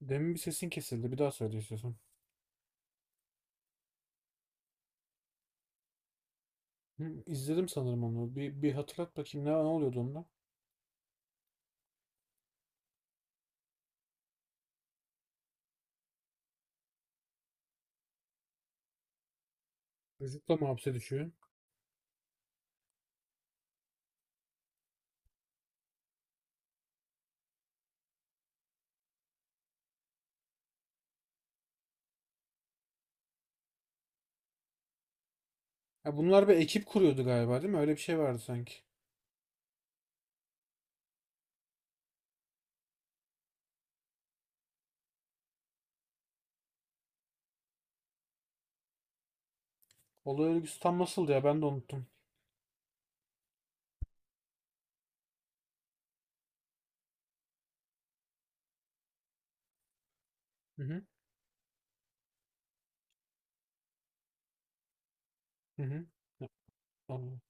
Demin bir sesin kesildi. Bir daha söyle istiyorsan. Hı, izledim sanırım onu. Bir hatırlat bakayım ne oluyordu onda. Çocukla mı hapse düşüyor? Ya bunlar bir ekip kuruyordu galiba değil mi? Öyle bir şey vardı sanki. Olay örgüsü tam nasıldı ya ben de unuttum. Hı hı. Hı hı. Ya, anladım.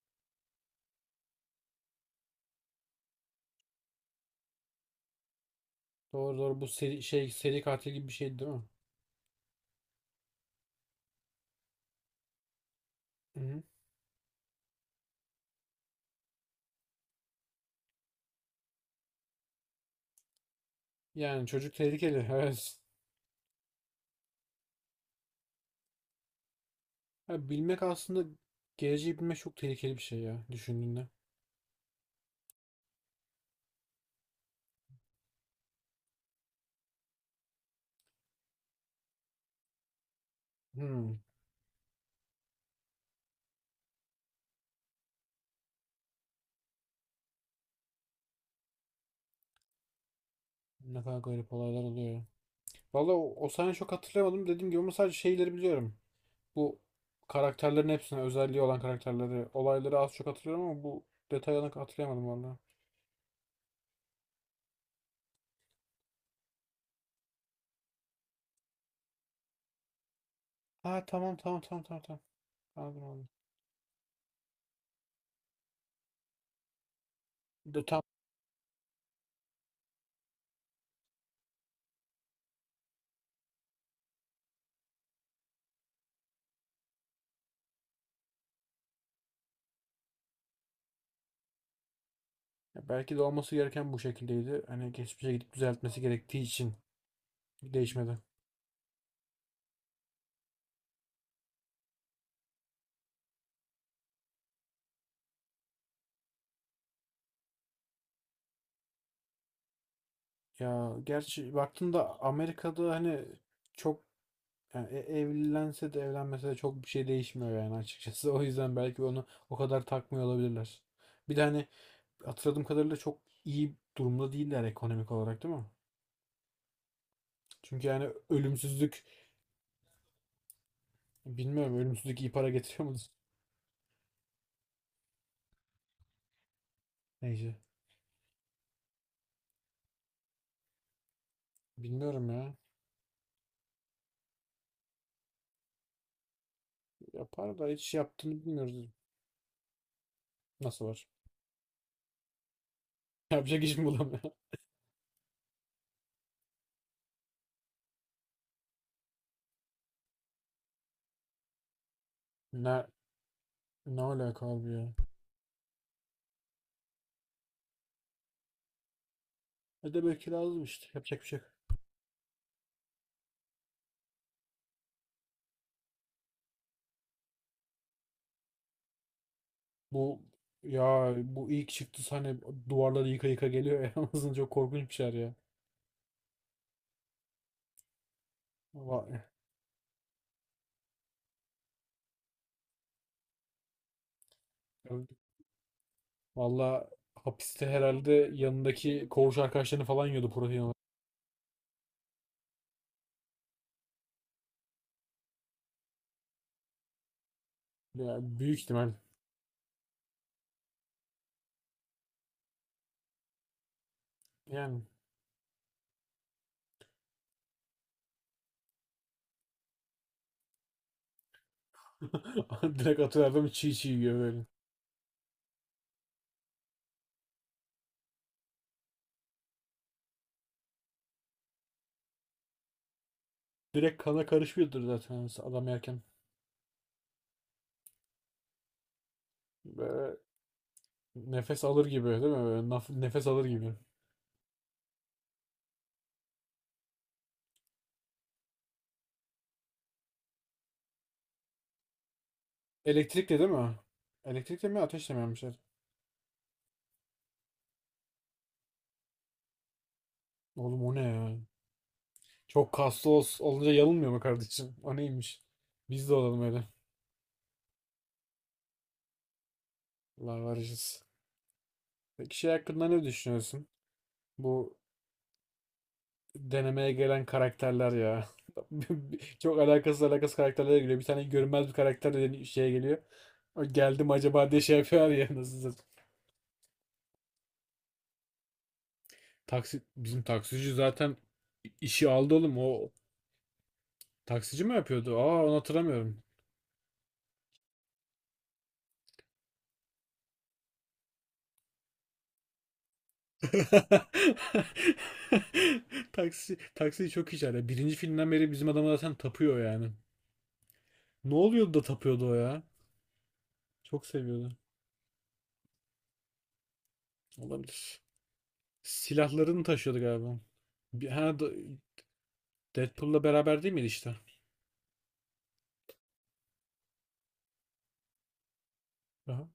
Doğru doğru bu seri, seri katil gibi bir şeydi değil mi? Hı hı. Yani çocuk tehlikeli. Evet. Ya bilmek aslında geleceği bilmek çok tehlikeli bir şey ya düşündüğünde. Hmm. Ne kadar garip olaylar oluyor ya. Valla o sahneyi çok hatırlayamadım. Dediğim gibi ama sadece şeyleri biliyorum. Bu karakterlerin hepsine özelliği olan karakterleri, olayları az çok hatırlıyorum ama bu detayını hatırlayamadım vallahi. Ha, tamam tamam tamam tamam tamam. Anladım anladım. De, tam, ya belki de olması gereken bu şekildeydi. Hani geçmişe gidip düzeltmesi gerektiği için değişmedi. Ya gerçi baktığında Amerika'da hani çok yani evlense de evlenmese de çok bir şey değişmiyor yani açıkçası. O yüzden belki onu o kadar takmıyor olabilirler. Bir de hani hatırladığım kadarıyla çok iyi durumda değiller ekonomik olarak değil mi? Çünkü yani ölümsüzlük, bilmiyorum, ölümsüzlük iyi para getiriyor mu? Neyse. Bilmiyorum ya. Yapar da hiç yaptığını bilmiyoruz. Nasıl var? Yapacak iş mi bulamıyor? Ne ne alaka abi ya? E de belki lazım işte. Yapacak bir şey yok. Bu, ya bu ilk çıktı sahne, duvarları yıka yıka geliyor ya. Aslında çok korkunç bir şeyler ya. Va- Valla hapiste herhalde yanındaki koğuş arkadaşlarını falan yiyordu protein olarak. Ya büyük ihtimal. Yani direkt atıyor adam çiğ çiğ yiyor böyle. Direkt kana karışıyordur zaten adam yerken. Böyle nefes alır gibi değil mi? Böyle nefes alır gibi. Elektrikli değil mi? Elektrikle mi ateşle mi yapmışlar? Oğlum o ne ya? Çok kaslı olunca yanılmıyor mu kardeşim? O neymiş? Biz de olalım öyle. Allah varacağız. Peki şey hakkında ne düşünüyorsun? Bu denemeye gelen karakterler ya. Çok alakasız alakasız karakterlere geliyor. Bir tane görünmez bir karakter de şeye geliyor. O geldim acaba diye şey yapıyor ya nasıl. Taksi, bizim taksici zaten İşi aldı oğlum. O taksici mi yapıyordu? Aa, onu hatırlamıyorum. Taksi taksi çok iyi çağırıyor. Birinci filmden beri bizim adamı zaten tapıyor yani. Ne oluyordu da tapıyordu o ya? Çok seviyordu. Olabilir. Silahlarını taşıyordu galiba. Bir, Deadpool'la beraber değil miydi işte? Aha.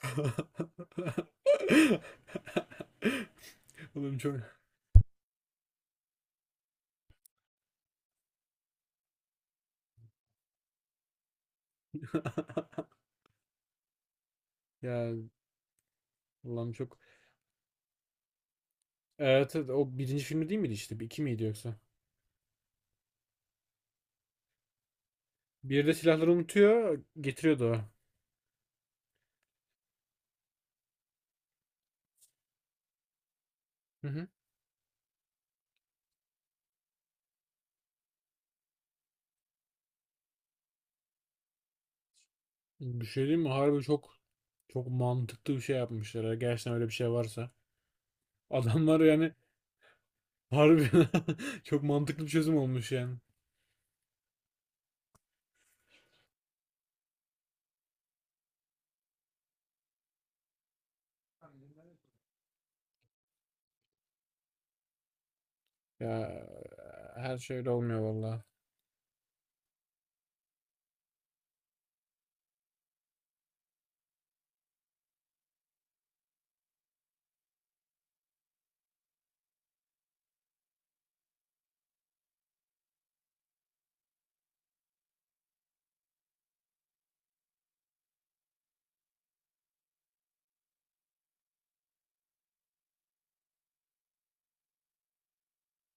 Oğlum çok, ya ulan çok, evet, evet, o birinci filmi değil miydi işte? İki miydi yoksa? Bir de silahları unutuyor, getiriyordu o. Hı hı. Bir şey diyeyim mi? Harbi çok, çok mantıklı bir şey yapmışlar, ha. Gerçekten öyle bir şey varsa. Adamlar yani harbi çok mantıklı bir çözüm olmuş yani. Ya her şey öyle olmuyor valla.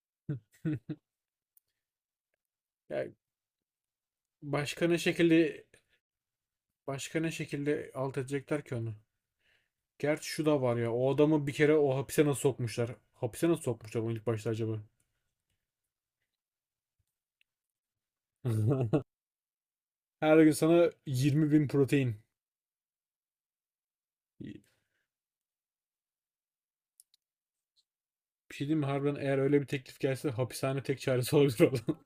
Ya başka ne şekilde, başka ne şekilde alt edecekler ki onu? Gerçi şu da var ya. O adamı bir kere o hapise nasıl sokmuşlar? Hapise nasıl sokmuşlar onu ilk başta acaba? Her gün sana 20 bin protein. Bir şey diyeyim mi? Harbiden eğer öyle bir teklif gelse hapishane tek çaresi olabilir oğlum.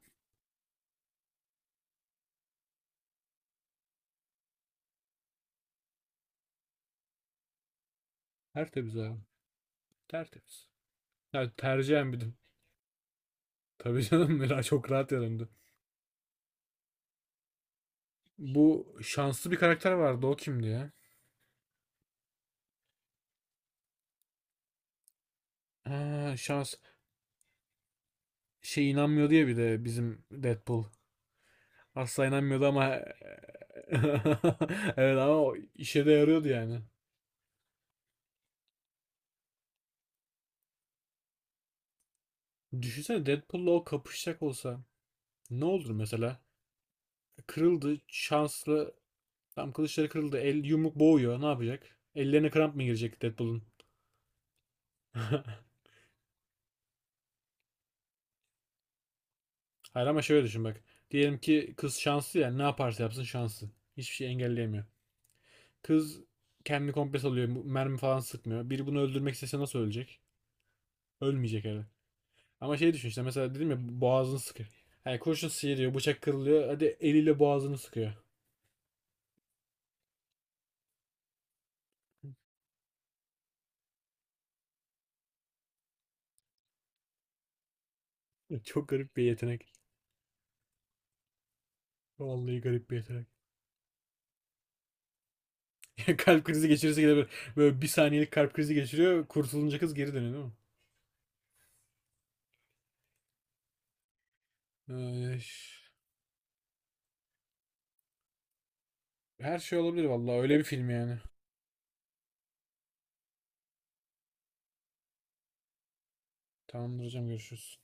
Tertemiz abi. Tertemiz. Yani tercihen bir de. Tabii canım. Mela çok rahat yanımda. Bu şanslı bir karakter vardı, o kimdi ya? Ha, şans. Şey, inanmıyor diye bir de bizim Deadpool. Asla inanmıyordu ama evet ama o işe de yarıyordu yani. Düşünsene Deadpool'la o kapışacak olsa ne olur mesela? Kırıldı şanslı. Tam kılıçları kırıldı. El yumruk boğuyor. Ne yapacak? Ellerine kramp mı girecek Deadpool'un? Hayır ama şöyle düşün bak. Diyelim ki kız şanslı ya. Ne yaparsa yapsın şanslı. Hiçbir şey engelleyemiyor. Kız kendini komple salıyor. Mermi falan sıkmıyor. Biri bunu öldürmek istese nasıl ölecek? Ölmeyecek herhalde. Ama şey düşün işte, mesela dedim ya, boğazını sıkıyor. Yani kurşun sıyırıyor, bıçak kırılıyor. Hadi eliyle boğazını sıkıyor. Çok garip bir yetenek. Vallahi garip bir yetenek. Kalp krizi geçirirse gene böyle, böyle bir saniyelik kalp krizi geçiriyor. Kurtulunca kız geri dönüyor değil mi? Ay, her şey olabilir vallahi, öyle bir film yani. Tamamdır hocam, görüşürüz.